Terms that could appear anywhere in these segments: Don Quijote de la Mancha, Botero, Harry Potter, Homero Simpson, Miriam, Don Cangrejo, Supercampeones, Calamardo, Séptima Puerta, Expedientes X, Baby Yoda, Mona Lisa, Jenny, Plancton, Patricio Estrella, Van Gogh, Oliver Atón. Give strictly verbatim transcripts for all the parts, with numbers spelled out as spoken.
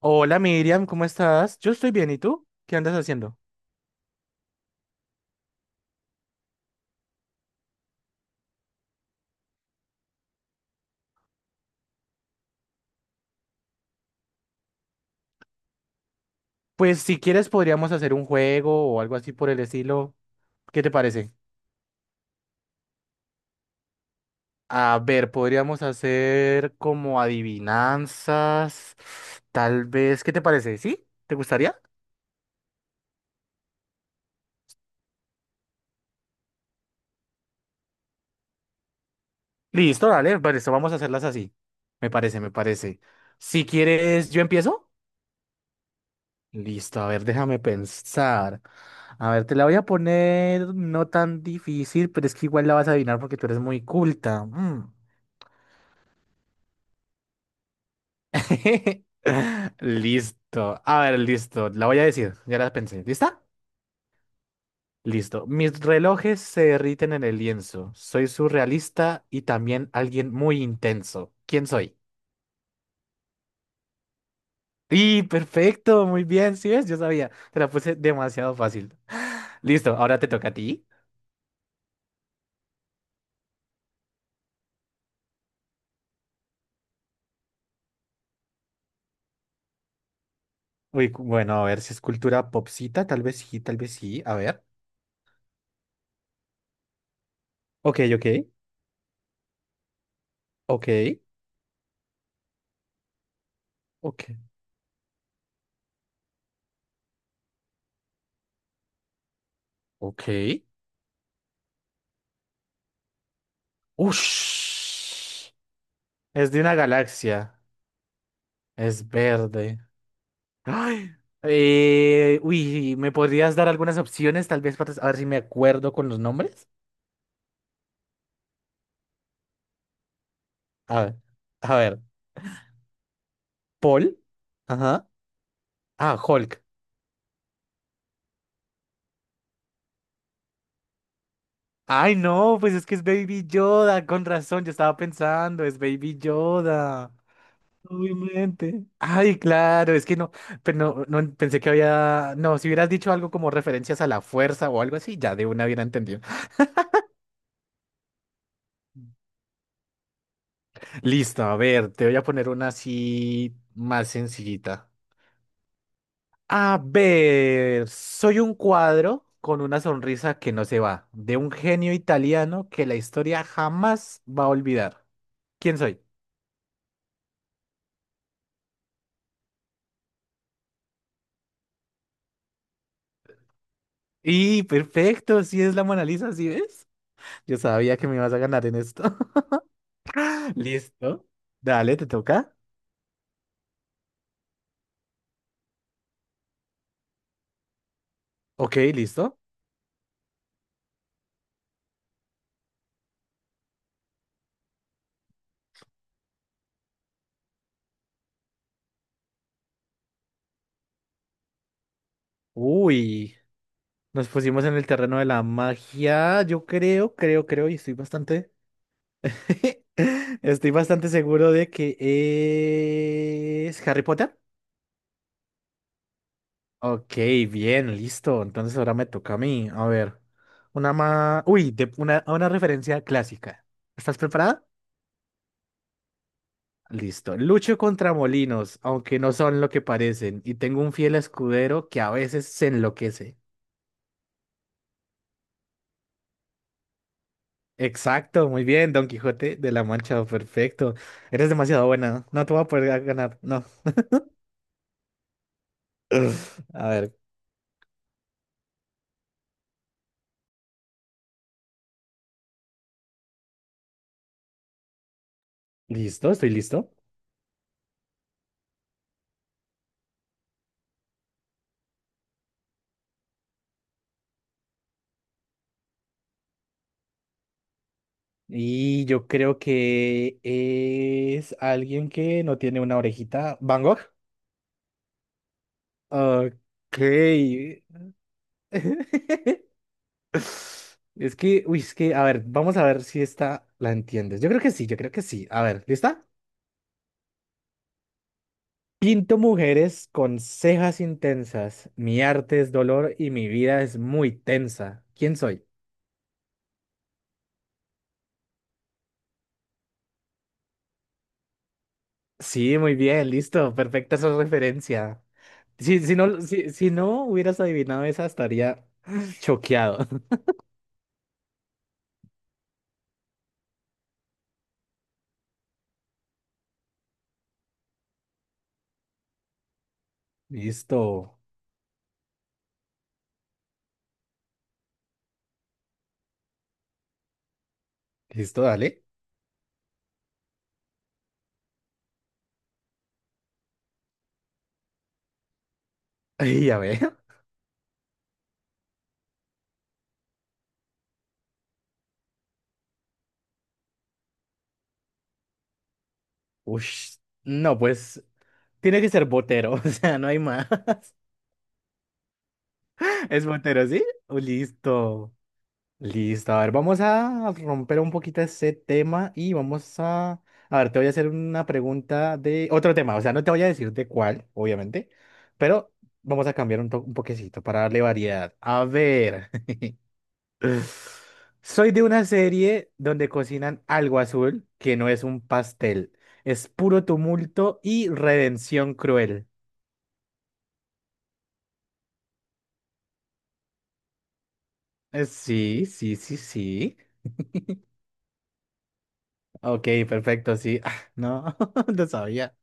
Hola Miriam, ¿cómo estás? Yo estoy bien, ¿y tú? ¿Qué andas haciendo? Pues si quieres podríamos hacer un juego o algo así por el estilo. ¿Qué te parece? A ver, podríamos hacer como adivinanzas, tal vez. ¿Qué te parece? ¿Sí? ¿Te gustaría? Listo, dale, vale, esto vamos a hacerlas así. Me parece, me parece. Si quieres, ¿yo empiezo? Listo, a ver, déjame pensar. A ver, te la voy a poner no tan difícil, pero es que igual la vas a adivinar porque tú eres muy culta. Mm. Listo. A ver, listo. La voy a decir. Ya la pensé. ¿Lista? Listo. Mis relojes se derriten en el lienzo. Soy surrealista y también alguien muy intenso. ¿Quién soy? Y perfecto, muy bien, ¿sí ves? Yo sabía, te la puse demasiado fácil. Listo, ahora te toca a ti. Uy, cu- bueno, a ver si es cultura popsita, tal vez sí, tal vez sí, a ver. Ok, ok, ok, ok, ok. Ush. Es de una galaxia. Es verde. Ay, eh, uy, ¿me podrías dar algunas opciones, tal vez para a ver si me acuerdo con los nombres? A ver, a ver, Paul. Ajá. Ah, Hulk. Ay, no, pues es que es Baby Yoda, con razón, yo estaba pensando, es Baby Yoda. Obviamente. Ay, claro, es que no, pero no, no pensé que había, no, si hubieras dicho algo como referencias a la fuerza o algo así, ya de una hubiera entendido. Listo, a ver, te voy a poner una así más sencillita. A ver, soy un cuadro con una sonrisa que no se va, de un genio italiano que la historia jamás va a olvidar. ¿Quién soy? Y perfecto, si es la Mona Lisa, ¿sí ves? Yo sabía que me ibas a ganar en esto. Listo. Dale, ¿te toca? Ok, listo. Uy, nos pusimos en el terreno de la magia. Yo creo, creo, creo, y estoy bastante, estoy bastante seguro de que es Harry Potter. Ok, bien, listo. Entonces ahora me toca a mí. A ver, una más... Uy, de- una, una referencia clásica. ¿Estás preparada? Listo. Lucho contra molinos, aunque no son lo que parecen, y tengo un fiel escudero que a veces se enloquece. Exacto, muy bien, Don Quijote de la Mancha, perfecto. Eres demasiado buena. No te voy a poder ganar, no. A ver, listo, estoy listo. Y yo creo que es alguien que no tiene una orejita. ¿Van Gogh? Ok. Es que, uy, es que, A ver, vamos a ver si esta la entiendes. Yo creo que sí, yo creo que sí. A ver, ¿lista? Pinto mujeres con cejas intensas. Mi arte es dolor y mi vida es muy tensa. ¿Quién soy? Sí, muy bien, listo. Perfecta esa referencia. Si, si no, si, si no hubieras adivinado esa, estaría choqueado. Listo. Listo, dale. Y a ver. Ush. No, pues. Tiene que ser Botero, o sea, no hay más. ¿Es Botero, sí? Oh, listo. Listo. A ver, vamos a romper un poquito ese tema y vamos a... A ver, te voy a hacer una pregunta de otro tema. O sea, no te voy a decir de cuál, obviamente, pero vamos a cambiar un, to- un poquecito para darle variedad. A ver. Soy de una serie donde cocinan algo azul que no es un pastel. Es puro tumulto y redención cruel. Eh, Sí, sí, sí, sí. Ok, perfecto, sí. Ah, no, no sabía.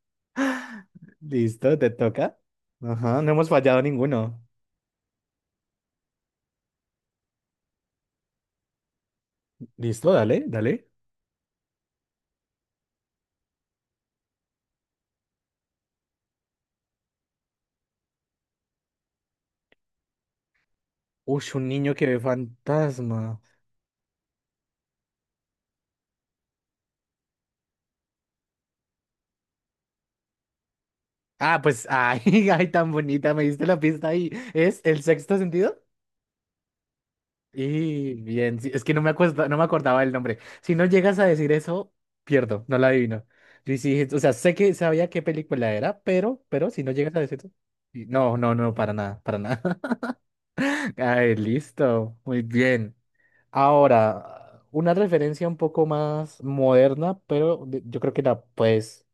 Listo, te toca. Ajá, no hemos fallado ninguno. Listo, dale, dale. Uy, un niño que ve fantasma. Ah, pues, ay, ay, tan bonita, me diste la pista ahí. ¿Es el sexto sentido? Y bien, sí, es que no me acuerdo, no me acordaba el nombre. Si no llegas a decir eso, pierdo, no la adivino. Yo sí, o sea, sé que sabía qué película era, pero, pero si no llegas a decir eso. y- No, no, no, para nada, para nada. Ay, listo, muy bien. Ahora, una referencia un poco más moderna, pero de- yo creo que la puedes,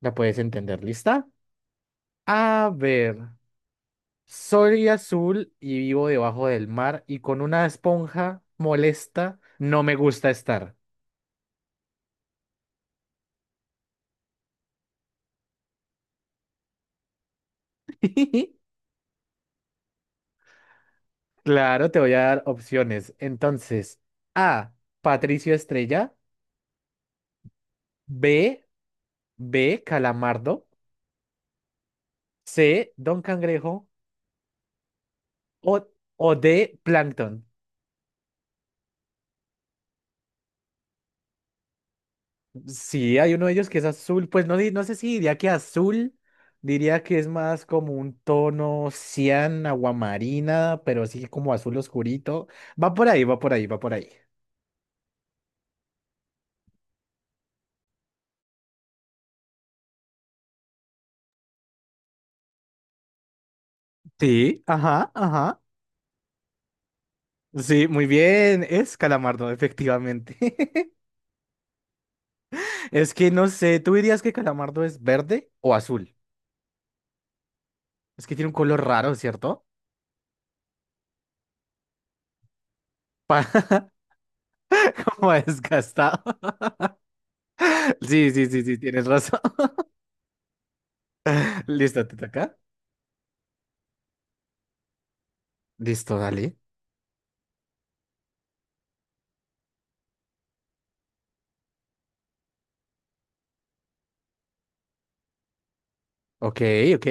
la puedes entender. ¿Lista? A ver, soy azul y vivo debajo del mar y con una esponja molesta no me gusta estar. Claro, te voy a dar opciones. Entonces, A, Patricio Estrella, B, B, Calamardo, C, Don Cangrejo o, o D, Plancton. Sí, hay uno de ellos que es azul, pues no, di- no sé si diría que azul, diría que es más como un tono cian, aguamarina, pero sí como azul oscurito. Va por ahí, va por ahí, va por ahí Sí, ajá, ajá. Sí, muy bien, es calamardo, efectivamente. Es que no sé, ¿tú dirías que calamardo es verde o azul? Es que tiene un color raro, ¿cierto? Páramo desgastado. Sí, sí, sí, sí, tienes razón. Listo, te toca. Listo, dale. Ok, ok,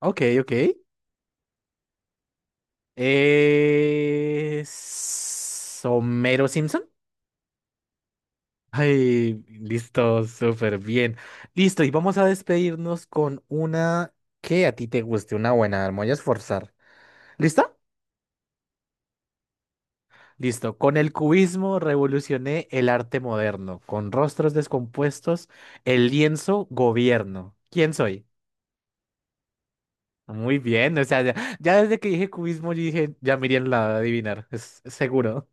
ok, ok. Es Homero Simpson. Ay, listo, súper bien. Listo, y vamos a despedirnos con una que a ti te guste, una buena, me voy a esforzar. ¿Listo? Listo. Con el cubismo revolucioné el arte moderno. Con rostros descompuestos, el lienzo gobierno. ¿Quién soy? Muy bien, o sea, ya, ya desde que dije cubismo, yo dije, ya Miriam la va a adivinar, es es seguro.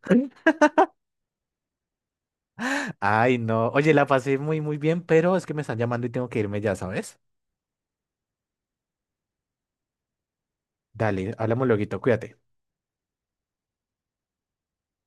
Ay, no. Oye, la pasé muy, muy bien, pero es que me están llamando y tengo que irme ya, ¿sabes? Dale, hablamos luego, cuídate.